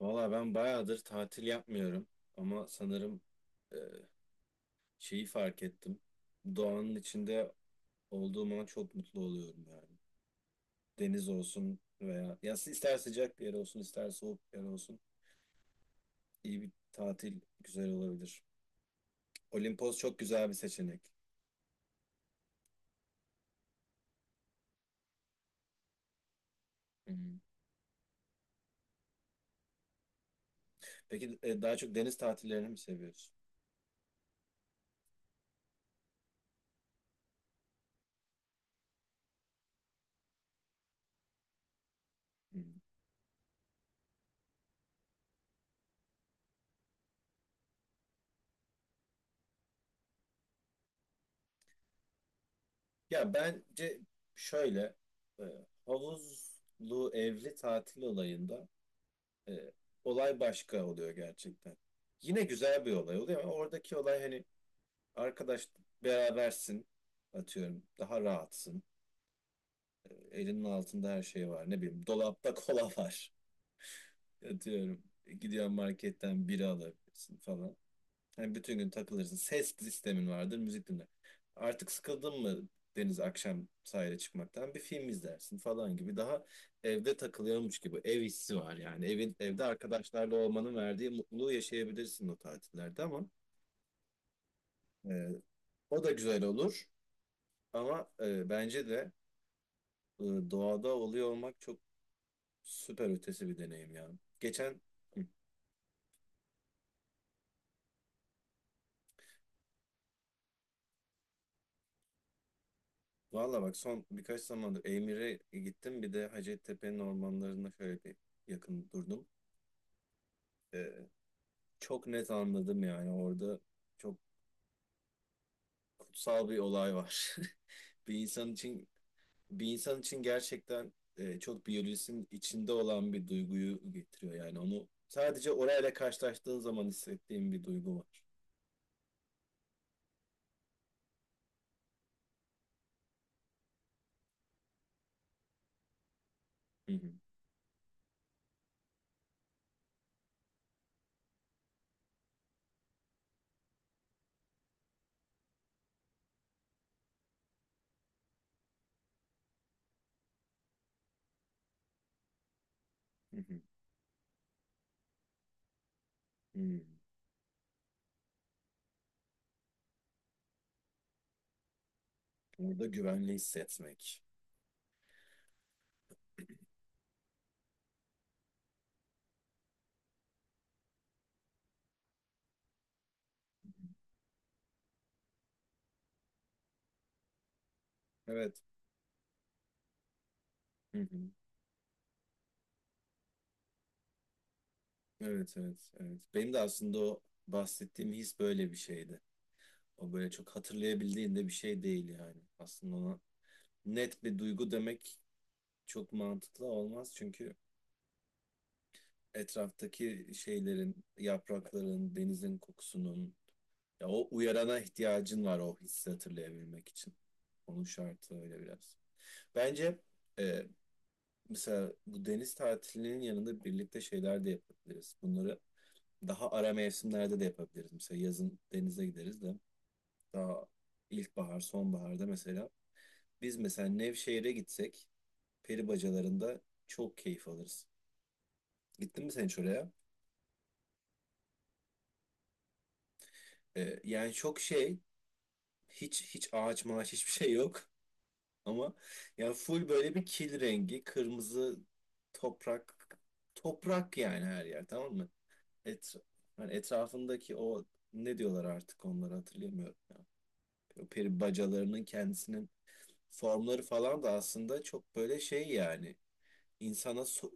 Valla ben bayağıdır tatil yapmıyorum ama sanırım e, şeyi fark ettim. Doğanın içinde olduğum an çok mutlu oluyorum yani. Deniz olsun veya ya ister sıcak bir yer olsun ister soğuk bir yer olsun iyi bir tatil güzel olabilir. Olimpos çok güzel bir seçenek. Hı hı. Peki daha çok deniz tatillerini mi seviyorsun? Hı. Ya bence şöyle, e, havuzlu evli tatil olayında E, olay başka oluyor gerçekten. Yine güzel bir olay oluyor ama oradaki olay hani arkadaş berabersin, atıyorum daha rahatsın. Elinin altında her şey var, ne bileyim, dolapta kola var, atıyorum. Gidiyorsun, marketten bira alabilirsin falan. Yani bütün gün takılırsın. Ses sistemin vardır, müzik dinler. Artık sıkıldın mı deniz akşam sahile çıkmaktan? Bir film izlersin falan gibi. Daha evde takılıyormuş gibi. Ev hissi var yani. Evin, evde arkadaşlarla olmanın verdiği mutluluğu yaşayabilirsin o tatillerde ama e, o da güzel olur. Ama bence de e, doğada oluyor olmak çok süper ötesi bir deneyim yani. Geçen, valla bak, son birkaç zamandır Eymir'e gittim. Bir de Hacettepe'nin ormanlarında şöyle bir yakın durdum. Ee, çok net anladım yani orada çok kutsal bir olay var. Bir insan için bir insan için gerçekten çok biyolojisinin içinde olan bir duyguyu getiriyor yani onu sadece orayla karşılaştığın zaman hissettiğin bir duygu var. Hı hı, hı hı, hı. Orada güvenli hissetmek. Evet. Hı hı. Evet, evet, evet. Benim de aslında o bahsettiğim his böyle bir şeydi. O böyle çok hatırlayabildiğinde bir şey değil yani. Aslında ona net bir duygu demek çok mantıklı olmaz. Çünkü etraftaki şeylerin, yaprakların, denizin kokusunun, ya o uyarana ihtiyacın var o hissi hatırlayabilmek için. Onun şartı öyle biraz. Bence e, mesela bu deniz tatilinin yanında birlikte şeyler de yapabiliriz. Bunları daha ara mevsimlerde de yapabiliriz. Mesela yazın denize gideriz de daha ilkbahar, sonbaharda mesela. Biz mesela Nevşehir'e gitsek peri bacalarında çok keyif alırız. Gittin mi sen hiç oraya? Yani çok şey, hiç hiç ağaç mağaç hiçbir şey yok. Ama yani full böyle bir kil rengi, kırmızı toprak, toprak yani her yer, tamam mı? Et, hani etrafındaki o, ne diyorlar, artık onları hatırlayamıyorum ya. O peri bacalarının kendisinin formları falan da aslında çok böyle şey yani, insana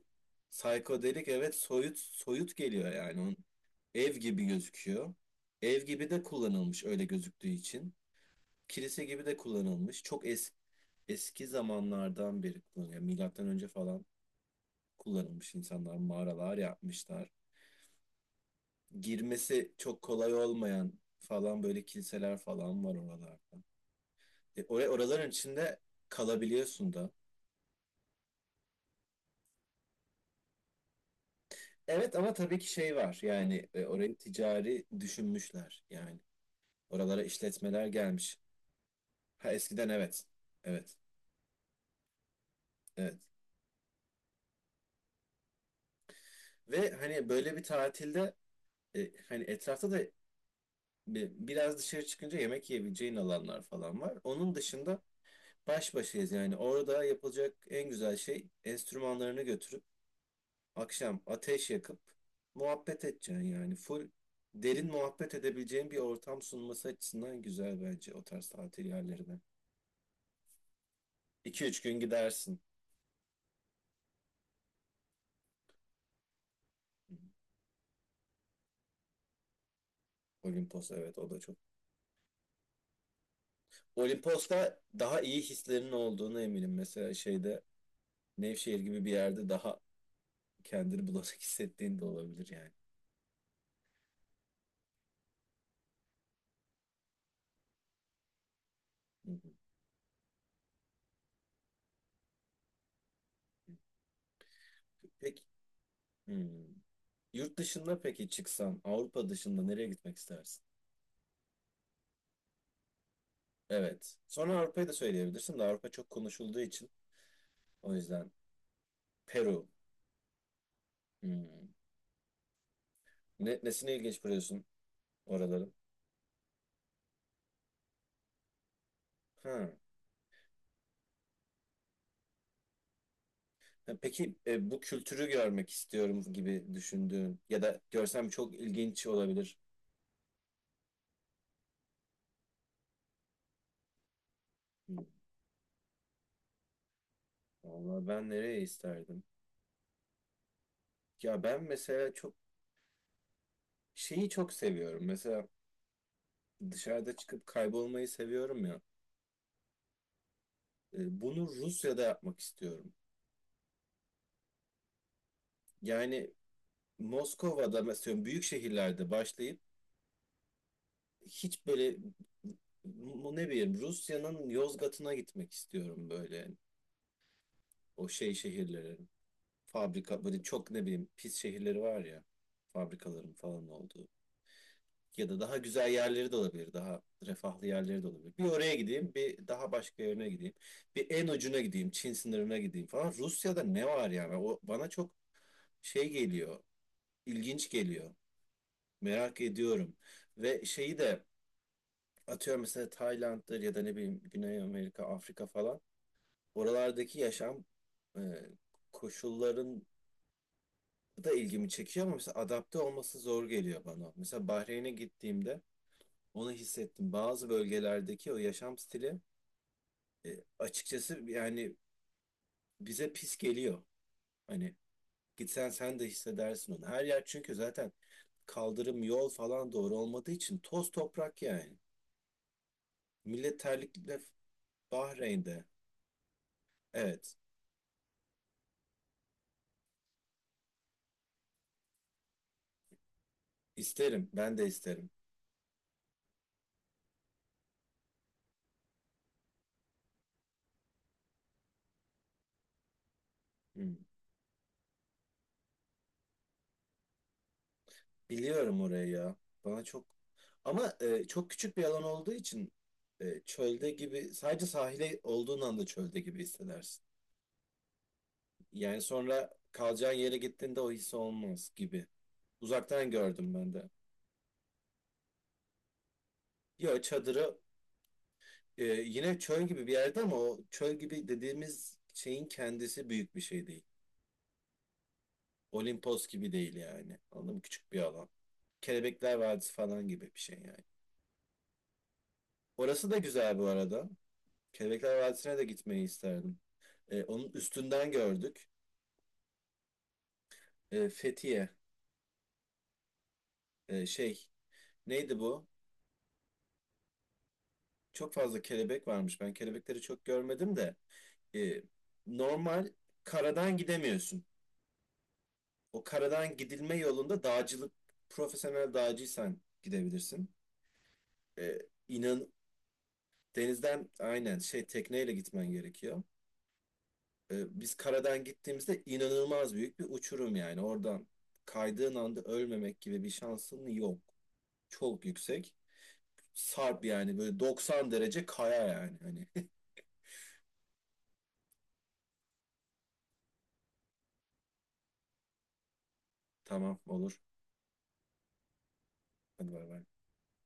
psikodelik, evet, soyut soyut geliyor yani. Onun ev gibi gözüküyor. Ev gibi de kullanılmış, öyle gözüktüğü için. Kilise gibi de kullanılmış. Çok es Eski zamanlardan beri kullanılıyor. Yani Milattan önce falan kullanılmış, insanlar mağaralar yapmışlar. Girmesi çok kolay olmayan falan böyle kiliseler falan var oralarda. E, or Oraların içinde kalabiliyorsun da. Evet ama tabii ki şey var yani, orayı ticari düşünmüşler yani, oralara işletmeler gelmiş. Ha eskiden, evet, evet, evet, ve hani böyle bir tatilde hani etrafta da biraz dışarı çıkınca yemek yiyebileceğin alanlar falan var. Onun dışında baş başayız yani, orada yapılacak en güzel şey enstrümanlarını götürüp akşam ateş yakıp muhabbet edeceksin yani full derin muhabbet edebileceğin bir ortam sunması açısından güzel bence o tarz tatil yerleri de. 2 üç gün gidersin. Olimpos, evet, o da çok. Olimpos'ta daha iyi hislerin olduğunu eminim. Mesela şeyde, Nevşehir gibi bir yerde daha kendini bulanık hissettiğin de olabilir yani. Hı hı. Peki, hmm. Yurt dışında peki çıksan Avrupa dışında nereye gitmek istersin? Evet. Sonra Avrupa'yı da söyleyebilirsin de Avrupa çok konuşulduğu için, o yüzden. Peru. Hmm. Ne, nesine ilginç buluyorsun oraların? Ha. Peki bu kültürü görmek istiyorum gibi düşündüğün ya da görsem çok ilginç olabilir. Hı, vallahi ben nereye isterdim? Ya ben mesela çok şeyi çok seviyorum. Mesela dışarıda çıkıp kaybolmayı seviyorum ya. Bunu Rusya'da yapmak istiyorum. Yani Moskova'da mesela büyük şehirlerde başlayıp hiç böyle bu, ne bileyim, Rusya'nın Yozgat'ına gitmek istiyorum böyle o şey şehirlere. Fabrika böyle çok, ne bileyim, pis şehirleri var ya, fabrikaların falan olduğu, ya da daha güzel yerleri de olabilir, daha refahlı yerleri de olabilir. Bir oraya gideyim, bir daha başka yerine gideyim, bir en ucuna gideyim, Çin sınırına gideyim falan. Rusya'da ne var yani, o bana çok şey geliyor, ilginç geliyor, merak ediyorum ve şeyi de, atıyorum mesela Tayland'dır ya da ne bileyim Güney Amerika, Afrika falan, oralardaki yaşam e, koşulların da ilgimi çekiyor ama mesela adapte olması zor geliyor bana. Mesela Bahreyn'e gittiğimde onu hissettim. Bazı bölgelerdeki o yaşam stili e, açıkçası yani bize pis geliyor. Hani gitsen sen de hissedersin onu. Her yer çünkü zaten kaldırım, yol falan doğru olmadığı için toz toprak yani. Millet terlikle. Bahreyn'de. Evet. isterim ben de isterim. Hı. Biliyorum orayı ya. Bana çok, ama çok küçük bir alan olduğu için çölde gibi, sadece sahile olduğun anda çölde gibi hissedersin. Yani sonra kalacağın yere gittiğinde o his olmaz gibi. Uzaktan gördüm ben de. Ya çadırı yine çöl gibi bir yerde ama o çöl gibi dediğimiz şeyin kendisi büyük bir şey değil. Olimpos gibi değil yani. Anladın mı? Küçük bir alan. Kelebekler Vadisi falan gibi bir şey yani. Orası da güzel bu arada. Kelebekler Vadisi'ne de gitmeyi isterdim. Onun üstünden gördük. Fethiye. Şey, neydi bu? Çok fazla kelebek varmış. Ben kelebekleri çok görmedim de. E, normal karadan gidemiyorsun. O karadan gidilme yolunda dağcılık, profesyonel dağcıysan gidebilirsin. E, inan denizden aynen, şey, tekneyle gitmen gerekiyor. Biz karadan gittiğimizde inanılmaz büyük bir uçurum yani. Oradan kaydığın anda ölmemek gibi bir şansın yok. Çok yüksek. Sarp yani, böyle 90 derece kaya yani. Hani tamam, olur. Hadi bay bay.